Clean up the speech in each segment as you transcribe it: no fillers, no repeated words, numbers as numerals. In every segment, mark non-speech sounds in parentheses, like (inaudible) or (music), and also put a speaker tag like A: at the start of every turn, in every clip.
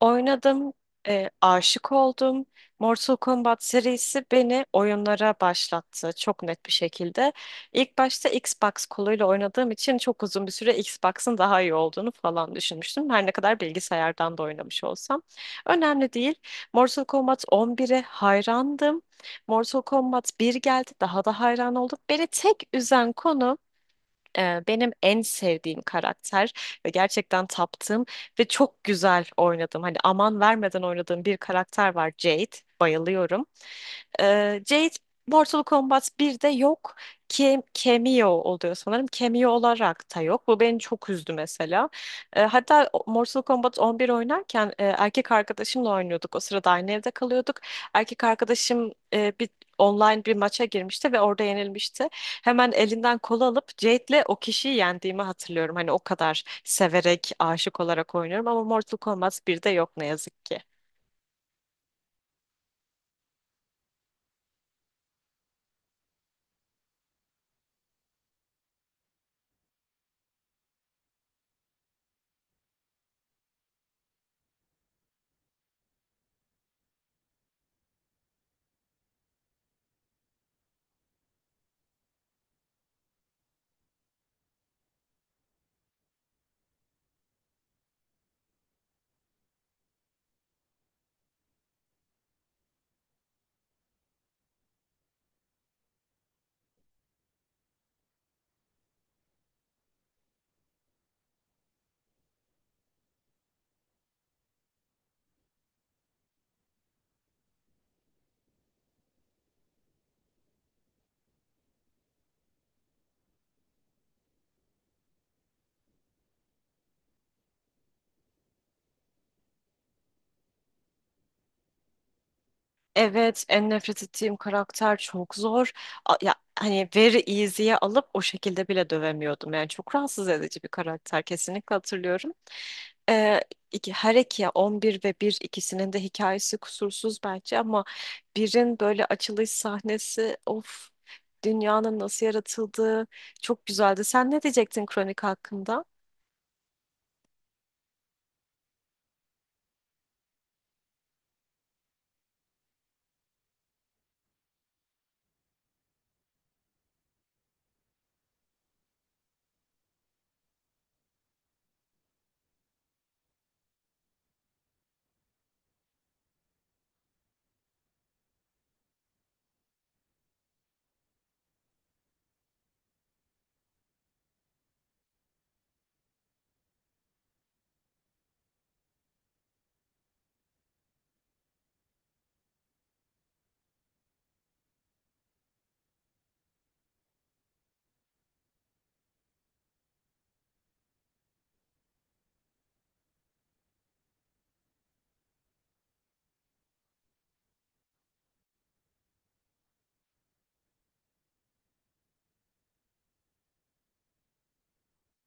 A: Oynadım, aşık oldum. Mortal Kombat serisi beni oyunlara başlattı çok net bir şekilde. İlk başta Xbox koluyla oynadığım için çok uzun bir süre Xbox'ın daha iyi olduğunu falan düşünmüştüm. Her ne kadar bilgisayardan da oynamış olsam. Önemli değil. Mortal Kombat 11'e hayrandım. Mortal Kombat Bir geldi, daha da hayran oldum. Beni tek üzen konu benim en sevdiğim karakter ve gerçekten taptığım ve çok güzel oynadığım hani aman vermeden oynadığım bir karakter var Jade. Bayılıyorum. Jade Mortal Kombat 1'de yok. Cameo oluyor sanırım. Cameo olarak da yok. Bu beni çok üzdü mesela. Mortal Kombat 11 oynarken erkek arkadaşımla oynuyorduk. O sırada aynı evde kalıyorduk. Erkek arkadaşım online bir maça girmişti ve orada yenilmişti. Hemen elinden kolu alıp Jade'le o kişiyi yendiğimi hatırlıyorum. Hani o kadar severek, aşık olarak oynuyorum ama Mortal Kombat 1'de yok ne yazık ki. Evet, en nefret ettiğim karakter çok zor. Ya hani very easy'ye alıp o şekilde bile dövemiyordum. Yani çok rahatsız edici bir karakter kesinlikle hatırlıyorum. Ee, her iki 11 ve 1 ikisinin de hikayesi kusursuz bence ama birin böyle açılış sahnesi of dünyanın nasıl yaratıldığı çok güzeldi. Sen ne diyecektin kronik hakkında?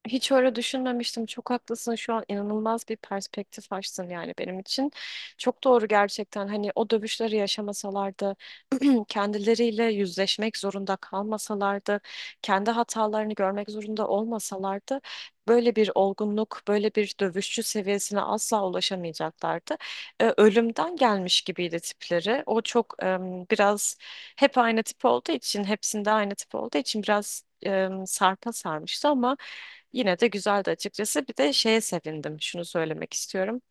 A: Hiç öyle düşünmemiştim. Çok haklısın. Şu an inanılmaz bir perspektif açtın yani benim için. Çok doğru gerçekten. Hani o dövüşleri yaşamasalardı, (clears throat) kendileriyle yüzleşmek zorunda kalmasalardı, kendi hatalarını görmek zorunda olmasalardı, böyle bir olgunluk, böyle bir dövüşçü seviyesine asla ulaşamayacaklardı. Ölümden gelmiş gibiydi tipleri. O çok biraz hep aynı tip olduğu için, hepsinde aynı tip olduğu için biraz sarpa sarmıştı ama yine de güzeldi açıkçası. Bir de şeye sevindim. Şunu söylemek istiyorum.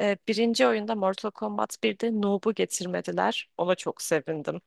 A: Birinci oyunda Mortal Kombat 1'de Noob'u getirmediler. Ona çok sevindim.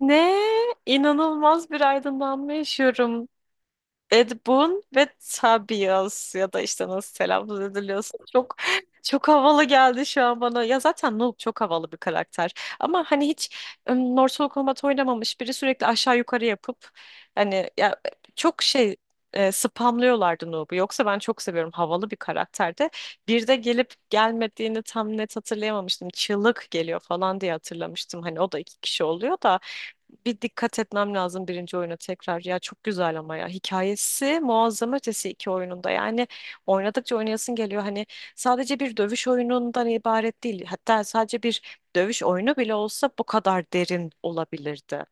A: Ne? İnanılmaz bir aydınlanma yaşıyorum. Ed Boon ve Tobias ya da işte nasıl telaffuz ediliyorsa çok çok havalı geldi şu an bana. Ya zaten Nook çok havalı bir karakter. Ama hani hiç Mortal Kombat oynamamış biri sürekli aşağı yukarı yapıp hani ya çok şey spamlıyorlardı Noob'u. Yoksa ben çok seviyorum havalı bir karakterde. Bir de gelip gelmediğini tam net hatırlayamamıştım. Çığlık geliyor falan diye hatırlamıştım. Hani o da iki kişi oluyor da bir dikkat etmem lazım birinci oyuna tekrar. Ya çok güzel ama ya. Hikayesi muazzam ötesi iki oyununda. Yani oynadıkça oynayasın geliyor. Hani sadece bir dövüş oyunundan ibaret değil. Hatta sadece bir dövüş oyunu bile olsa bu kadar derin olabilirdi.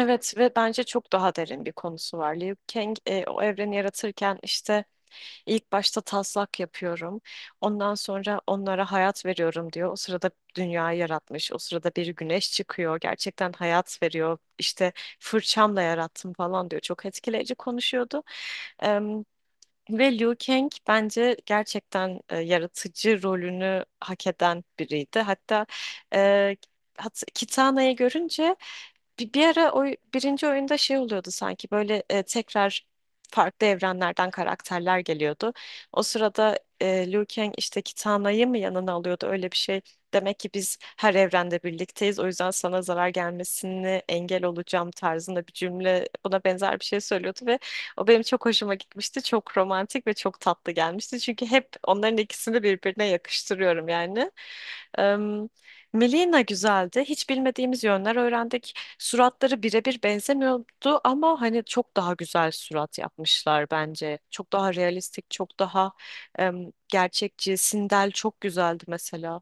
A: Evet ve bence çok daha derin bir konusu var. Liu Kang o evreni yaratırken işte ilk başta taslak yapıyorum. Ondan sonra onlara hayat veriyorum diyor. O sırada dünyayı yaratmış. O sırada bir güneş çıkıyor. Gerçekten hayat veriyor. İşte fırçamla yarattım falan diyor. Çok etkileyici konuşuyordu. Ve Liu Kang bence gerçekten yaratıcı rolünü hak eden biriydi. Hatta e, hat Kitana'yı görünce bir ara o birinci oyunda şey oluyordu sanki böyle tekrar farklı evrenlerden karakterler geliyordu. O sırada Liu Kang işte Kitana'yı mı yanına alıyordu öyle bir şey. Demek ki biz her evrende birlikteyiz. O yüzden sana zarar gelmesini engel olacağım tarzında bir cümle buna benzer bir şey söylüyordu ve o benim çok hoşuma gitmişti. Çok romantik ve çok tatlı gelmişti. Çünkü hep onların ikisini birbirine yakıştırıyorum yani. Em, Melina güzeldi. Hiç bilmediğimiz yönler öğrendik. Suratları birebir benzemiyordu ama hani çok daha güzel surat yapmışlar bence. Çok daha realistik, çok daha gerçekçi. Sindel çok güzeldi mesela.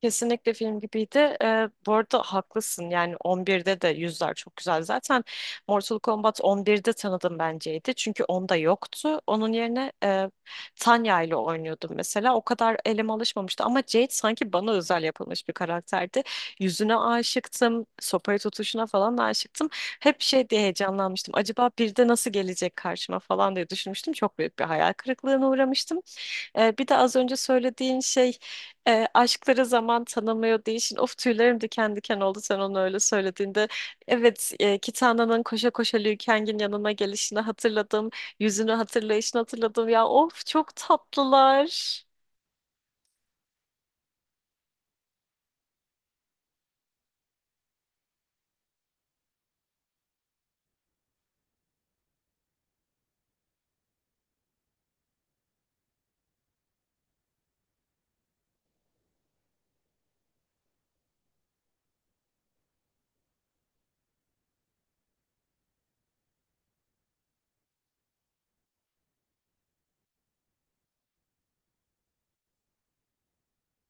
A: Kesinlikle film gibiydi. Bu arada haklısın. Yani 11'de de yüzler çok güzel. Zaten Mortal Kombat 11'de tanıdım benceydi. Çünkü onda yoktu. Onun yerine Tanya ile oynuyordum mesela. O kadar elim alışmamıştı. Ama Jade sanki bana özel yapılmış bir karakterdi. Yüzüne aşıktım. Sopayı tutuşuna falan da aşıktım. Hep şey diye heyecanlanmıştım. Acaba bir de nasıl gelecek karşıma falan diye düşünmüştüm. Çok büyük bir hayal kırıklığına uğramıştım. Bir de az önce söylediğin şey aşklara zaman tanımıyor değilsin. Of, tüylerim diken diken oldu sen onu öyle söylediğinde. Evet, Kitana'nın koşa koşa Liu Kang'in yanına gelişini hatırladım. Yüzünü hatırlayışını hatırladım. Ya of, çok tatlılar.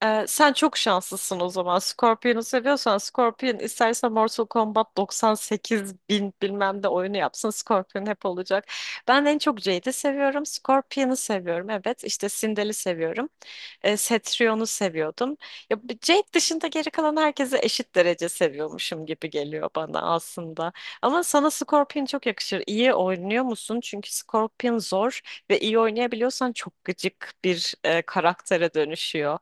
A: Sen çok şanslısın o zaman. Scorpion'u seviyorsan Scorpion isterse Mortal Kombat 98 bin bilmem de oyunu yapsın. Scorpion hep olacak. Ben en çok Jade'i seviyorum. Scorpion'u seviyorum. Evet işte Sindel'i seviyorum. Cetrion'u seviyordum. Ya, bu Jade dışında geri kalan herkesi eşit derece seviyormuşum gibi geliyor bana aslında. Ama sana Scorpion çok yakışır. İyi oynuyor musun? Çünkü Scorpion zor ve iyi oynayabiliyorsan çok gıcık bir karaktere dönüşüyor.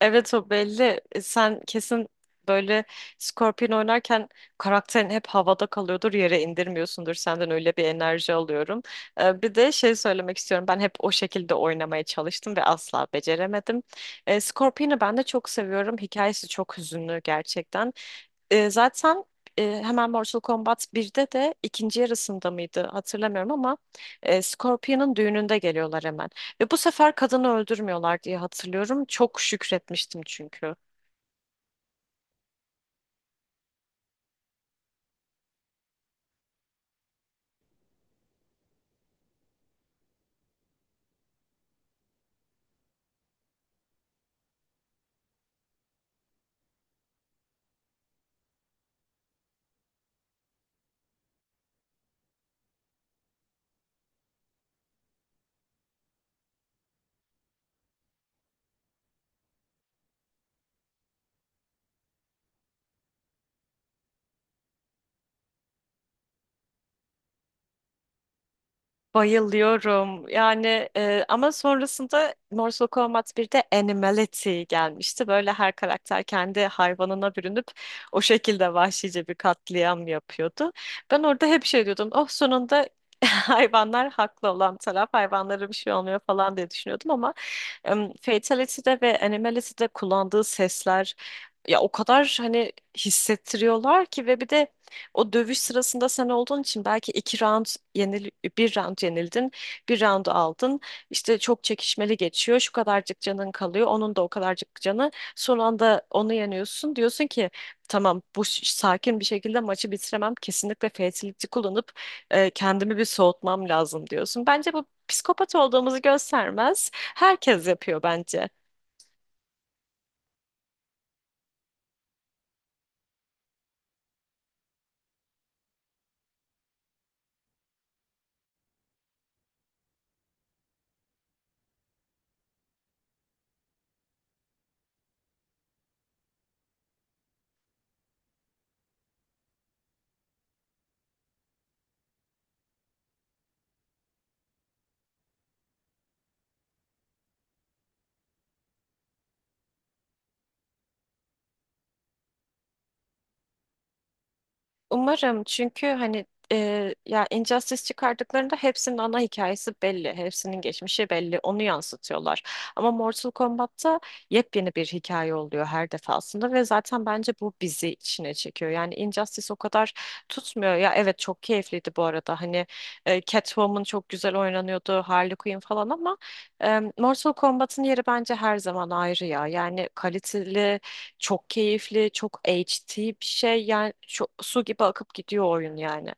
A: Evet, o belli. Sen kesin böyle Scorpion oynarken karakterin hep havada kalıyordur, yere indirmiyorsundur. Senden öyle bir enerji alıyorum. Bir de şey söylemek istiyorum. Ben hep o şekilde oynamaya çalıştım ve asla beceremedim. Scorpion'u ben de çok seviyorum. Hikayesi çok hüzünlü gerçekten. E, zaten Hemen Mortal Kombat birde de ikinci yarısında mıydı hatırlamıyorum ama Scorpion'un düğününde geliyorlar hemen. Ve bu sefer kadını öldürmüyorlar diye hatırlıyorum. Çok şükretmiştim çünkü. Bayılıyorum. Yani, ama sonrasında Mortal Kombat 1'de Animality gelmişti. Böyle her karakter kendi hayvanına bürünüp o şekilde vahşice bir katliam yapıyordu. Ben orada hep şey diyordum. Oh, sonunda (laughs) hayvanlar haklı olan taraf, hayvanlara bir şey olmuyor falan diye düşünüyordum ama Fatality'de ve Animality'de kullandığı sesler ya o kadar hani hissettiriyorlar ki ve bir de o dövüş sırasında sen olduğun için belki iki round yenil bir round yenildin, bir round aldın. İşte çok çekişmeli geçiyor. Şu kadarcık canın kalıyor. Onun da o kadarcık canı. Son anda onu yeniyorsun. Diyorsun ki tamam bu sakin bir şekilde maçı bitiremem. Kesinlikle fatality kullanıp kendimi bir soğutmam lazım diyorsun. Bence bu psikopat olduğumuzu göstermez. Herkes yapıyor bence. Umarım, çünkü hani ya Injustice çıkardıklarında hepsinin ana hikayesi belli. Hepsinin geçmişi belli. Onu yansıtıyorlar. Ama Mortal Kombat'ta yepyeni bir hikaye oluyor her defasında ve zaten bence bu bizi içine çekiyor. Yani Injustice o kadar tutmuyor. Ya evet, çok keyifliydi bu arada. Hani Catwoman çok güzel oynanıyordu. Harley Quinn falan ama Mortal Kombat'ın yeri bence her zaman ayrı ya. Yani kaliteli, çok keyifli, çok HD bir şey. Yani çok, su gibi akıp gidiyor oyun yani.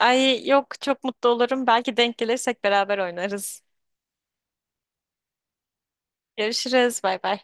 A: Ay yok, çok mutlu olurum. Belki denk gelirsek beraber oynarız. Görüşürüz. Bay bay.